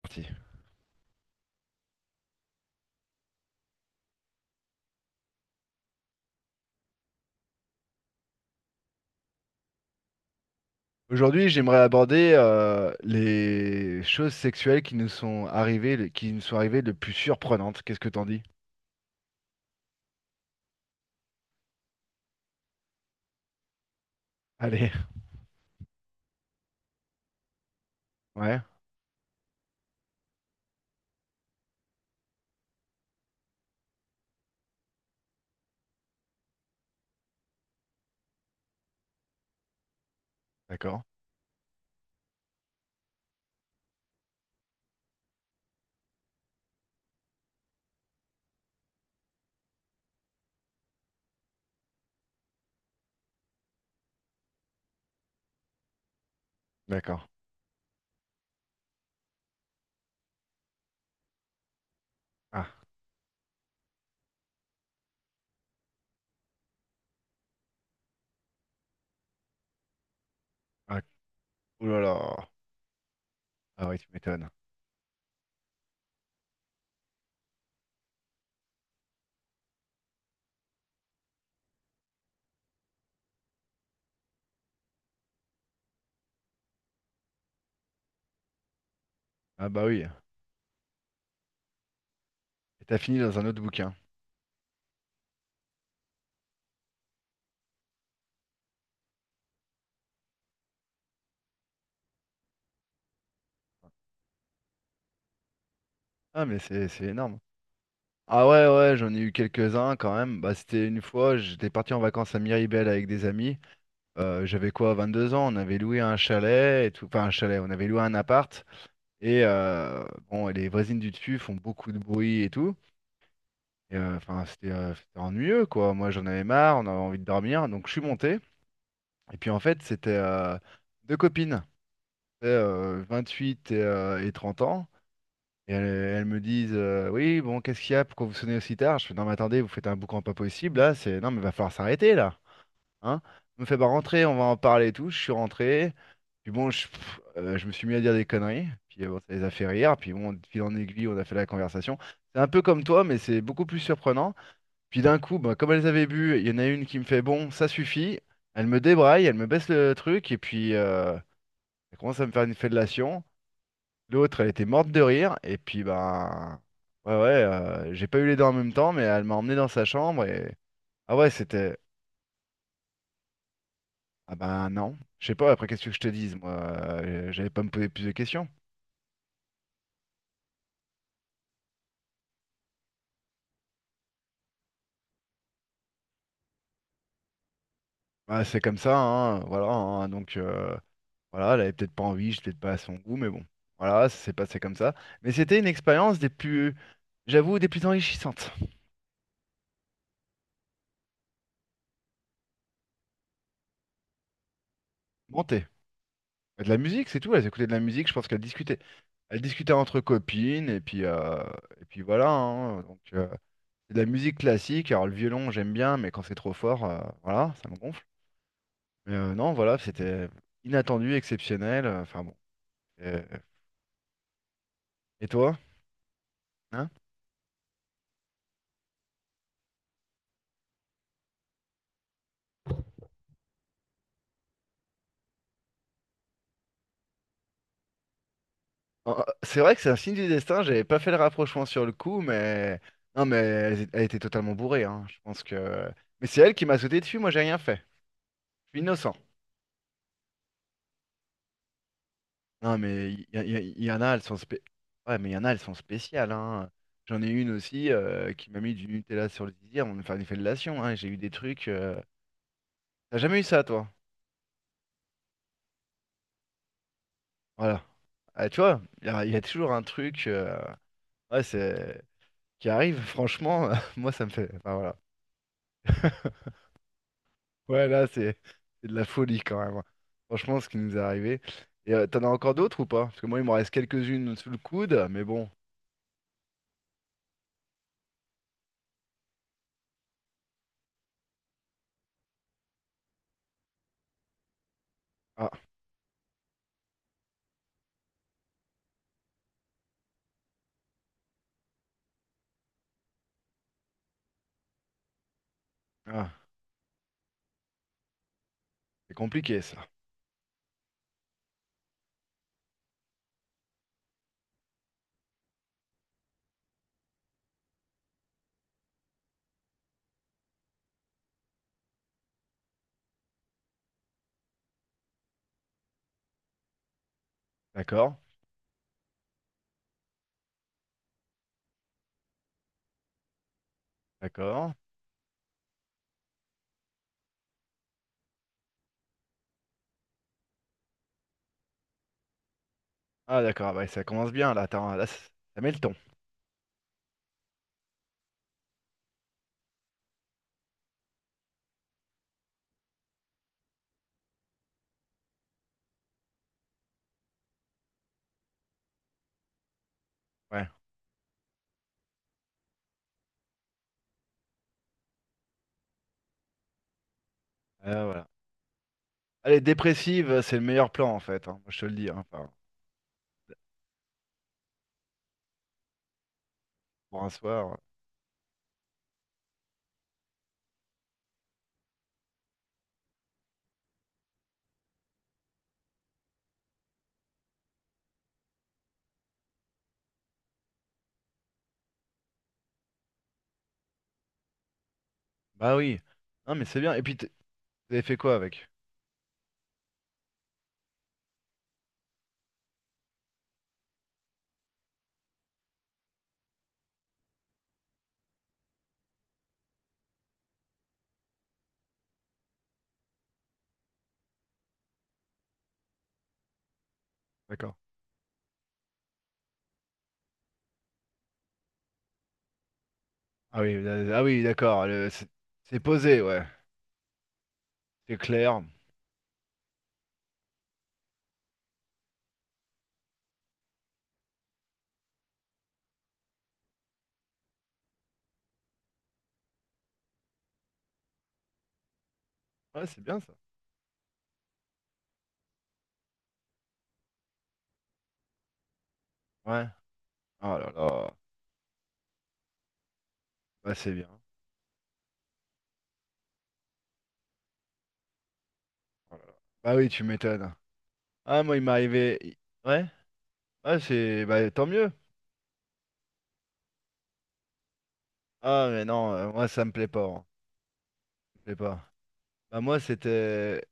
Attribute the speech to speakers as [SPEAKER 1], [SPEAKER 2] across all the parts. [SPEAKER 1] Parti. Aujourd'hui, j'aimerais aborder les choses sexuelles qui nous sont arrivées, qui nous sont arrivées de plus surprenantes. Qu'est-ce que t'en dis? Allez, ouais, d'accord, d'accord. Ah, ah, oh là là. Ah oui, tu m'étonnes. Ah bah oui. Et t'as fini dans un autre bouquin. Ah mais c'est énorme. Ah ouais, ouais, j'en ai eu quelques-uns quand même. Bah c'était une fois, j'étais parti en vacances à Miribel avec des amis. J'avais quoi, 22 ans, on avait loué un chalet et tout. Enfin un chalet, on avait loué un appart. Et bon, et les voisines du dessus font beaucoup de bruit et tout. Et, enfin, c'était ennuyeux, quoi. Moi, j'en avais marre, on avait envie de dormir. Donc, je suis monté. Et puis, en fait, c'était deux copines, c'était, 28 et 30 ans. Et elles, elles me disent, oui, bon, qu'est-ce qu'il y a? Pourquoi vous sonnez aussi tard? Je fais, non, mais attendez, vous faites un boucan pas possible, là. Non, mais va falloir s'arrêter, là, hein. Il me fait, bah rentrer, on va en parler et tout. Je suis rentré. Puis bon, je me suis mis à dire des conneries. Puis bon, ça les a fait rire. Puis bon, de fil en aiguille, on a fait la conversation. C'est un peu comme toi, mais c'est beaucoup plus surprenant. Puis d'un coup, bah, comme elles avaient bu, il y en a une qui me fait, bon, ça suffit. Elle me débraille, elle me baisse le truc. Et puis elle commence à me faire une fellation. L'autre, elle était morte de rire. Et puis bah, ouais, ouais, j'ai pas eu les deux en même temps, mais elle m'a emmené dans sa chambre et ah ouais, c'était. Ah bah non. Je sais pas, après qu'est-ce que je te dise, moi, j'allais pas me poser plus de questions. Bah, c'est comme ça, hein, voilà, hein, donc voilà, elle avait peut-être pas envie, j'étais peut-être pas à son goût, mais bon, voilà, ça s'est passé comme ça. Mais c'était une expérience des plus, j'avoue, des plus enrichissantes. Montée. De la musique, c'est tout, elle écoutait de la musique, je pense qu'elle discutait. Elle discutait entre copines, et puis voilà, hein, donc c'est de la musique classique, alors le violon j'aime bien, mais quand c'est trop fort, voilà, ça me gonfle. Mais non, voilà, c'était inattendu, exceptionnel, enfin bon. Euh, et toi? Hein? Ah, ah, c'est vrai que c'est un signe du destin, j'avais pas fait le rapprochement sur le coup, mais. Non, mais elle, elle était totalement bourrée, hein. Je pense que. Mais c'est elle qui m'a sauté dessus, moi j'ai rien fait. Je suis innocent. Non, mais il y en a. Ouais, mais il y en a, elles sont spéciales, hein. J'en ai une aussi qui m'a mis du Nutella sur le désir, on enfin, une fellation, hein. J'ai eu des trucs. T'as jamais eu ça, toi? Voilà. Ah, tu vois, il y a toujours un truc, ouais, qui arrive, franchement, moi ça me fait. Enfin voilà. Ouais, là, c'est de la folie quand même. Franchement, ce qui nous est arrivé. Et t'en as encore d'autres ou pas? Parce que moi, il m'en reste quelques-unes sous le coude, mais bon. Ah, ah, c'est compliqué ça. D'accord, d'accord. Ah, d'accord, bah, ça commence bien là. Attends, là, ça met le ton. Ouais, voilà. Allez, dépressive, c'est le meilleur plan en fait, hein. Moi, je te le dis, hein. Enfin, pour un soir. Bah oui. Non, mais c'est bien. Et puis, vous avez fait quoi avec? D'accord. Ah oui, ah oui, d'accord. C'est posé, ouais. C'est clair. Ouais, c'est bien ça. Ouais. Ah là là, bah c'est bien. Oh là là. Bah oui, tu m'étonnes. Ah moi il m'est arrivé. Ouais, ouais c'est bah tant mieux. Ah mais non, moi ça me plaît pas, hein. Ça me plaît pas. Bah moi c'était,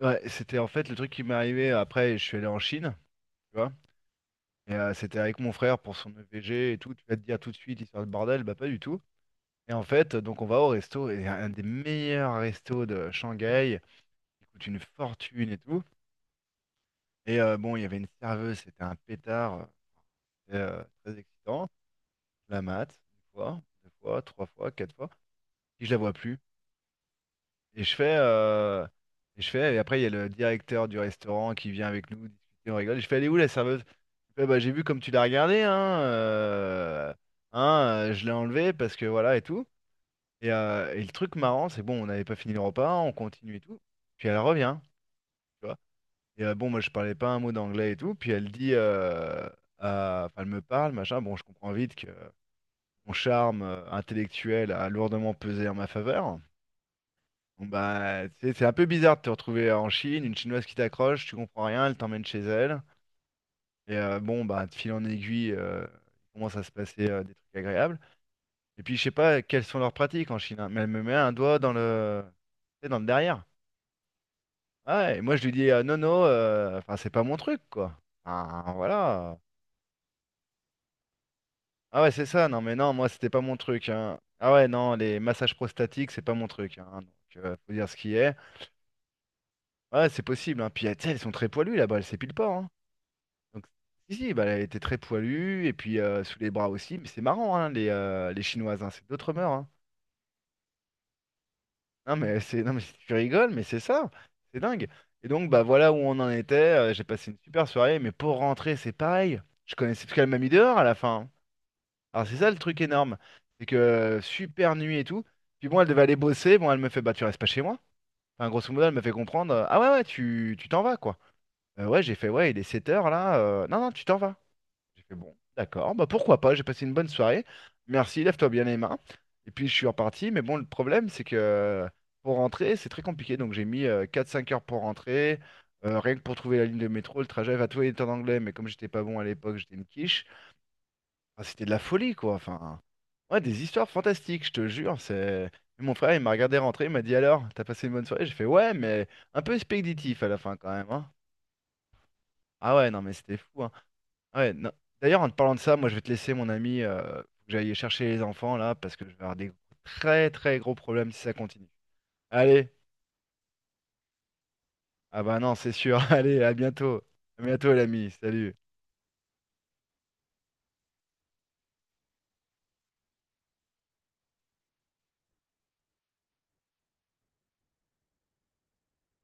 [SPEAKER 1] ouais, c'était en fait le truc qui m'est arrivé après je suis allé en Chine, tu vois. Et c'était avec mon frère pour son EVG et tout, tu vas te dire tout de suite histoire de bordel, bah pas du tout. Et en fait, donc on va au resto et un des meilleurs restos de Shanghai, qui coûte une fortune et tout. Et bon, il y avait une serveuse, c'était un pétard, c'était, très excitant. Je la mate, une fois, deux fois, trois fois, quatre fois, puis je la vois plus. Et je fais, euh, et après il y a le directeur du restaurant qui vient avec nous discuter, on rigole. Je fais, elle est où la serveuse? Il fait, bah j'ai vu comme tu l'as regardée, hein, euh, hein, je l'ai enlevée parce que voilà et tout. Et le truc marrant, c'est bon, on n'avait pas fini le repas, on continue et tout. Puis elle revient, tu vois. Et bon, moi je parlais pas un mot d'anglais et tout. Puis elle dit, enfin, elle me parle, machin. Bon, je comprends vite que mon charme intellectuel a lourdement pesé en ma faveur. Bon, bah, tu c'est un peu bizarre de te retrouver en Chine, une Chinoise qui t'accroche, tu comprends rien, elle t'emmène chez elle. Et bon, bah, de fil en aiguille, il commence à se passer des trucs agréables. Et puis, je sais pas quelles sont leurs pratiques en Chine, hein, mais elle me met un doigt dans le, tu sais, dans le derrière. Ah ouais, et moi, je lui dis, non, non, enfin, c'est pas mon truc, quoi. Ah, voilà. Ah ouais, c'est ça, non, mais non, moi, c'était pas mon truc, hein. Ah ouais, non, les massages prostatiques, c'est pas mon truc, hein. Donc, faut dire ce qui est. Ouais, c'est possible, hein. Puis tu sais, elles sont très poilues là-bas, elles s'épilent pas, hein. Donc, si, si, bah, elle était très poilue, et puis sous les bras aussi. Mais c'est marrant, hein, les Chinoises, hein, c'est d'autres mœurs, hein. Non, mais c'est, non, mais tu rigoles, mais c'est ça, c'est dingue. Et donc, bah voilà où on en était. J'ai passé une super soirée, mais pour rentrer, c'est pareil. Je connaissais parce qu'elle m'a mis dehors à la fin, hein. Alors, c'est ça le truc énorme, c'est que super nuit et tout. Puis bon, elle devait aller bosser. Bon, elle me fait, bah tu restes pas chez moi. Enfin, grosso modo, elle me fait comprendre, ah ouais, ouais, tu t'en vas, quoi. Ouais, j'ai fait: «Ouais, il est 7 heures là, non, non, tu t'en vas». J'ai fait: «Bon, d'accord, bah, pourquoi pas, j'ai passé une bonne soirée, merci, lève-toi bien les mains» et puis je suis reparti, mais bon, le problème, c'est que pour rentrer, c'est très compliqué, donc j'ai mis, 4, 5 heures pour rentrer, rien que pour trouver la ligne de métro, le trajet, enfin, tout est en anglais, mais comme j'étais pas bon à l'époque, j'étais une quiche. Enfin, c'était de la folie, quoi, enfin, ouais, des histoires fantastiques, je te jure, c'est. Et mon frère, il m'a regardé rentrer, il m'a dit: «Alors, t'as passé une bonne soirée?» J'ai fait: «Ouais, mais un peu expéditif à la fin quand même, hein». Ah ouais, non, mais c'était fou, hein. Ouais, non. D'ailleurs, en te parlant de ça, moi je vais te laisser, mon ami. Faut que j'aille chercher les enfants là, parce que je vais avoir des très très gros problèmes si ça continue. Allez, ah bah non, c'est sûr. Allez, à bientôt. À bientôt, l'ami. Salut.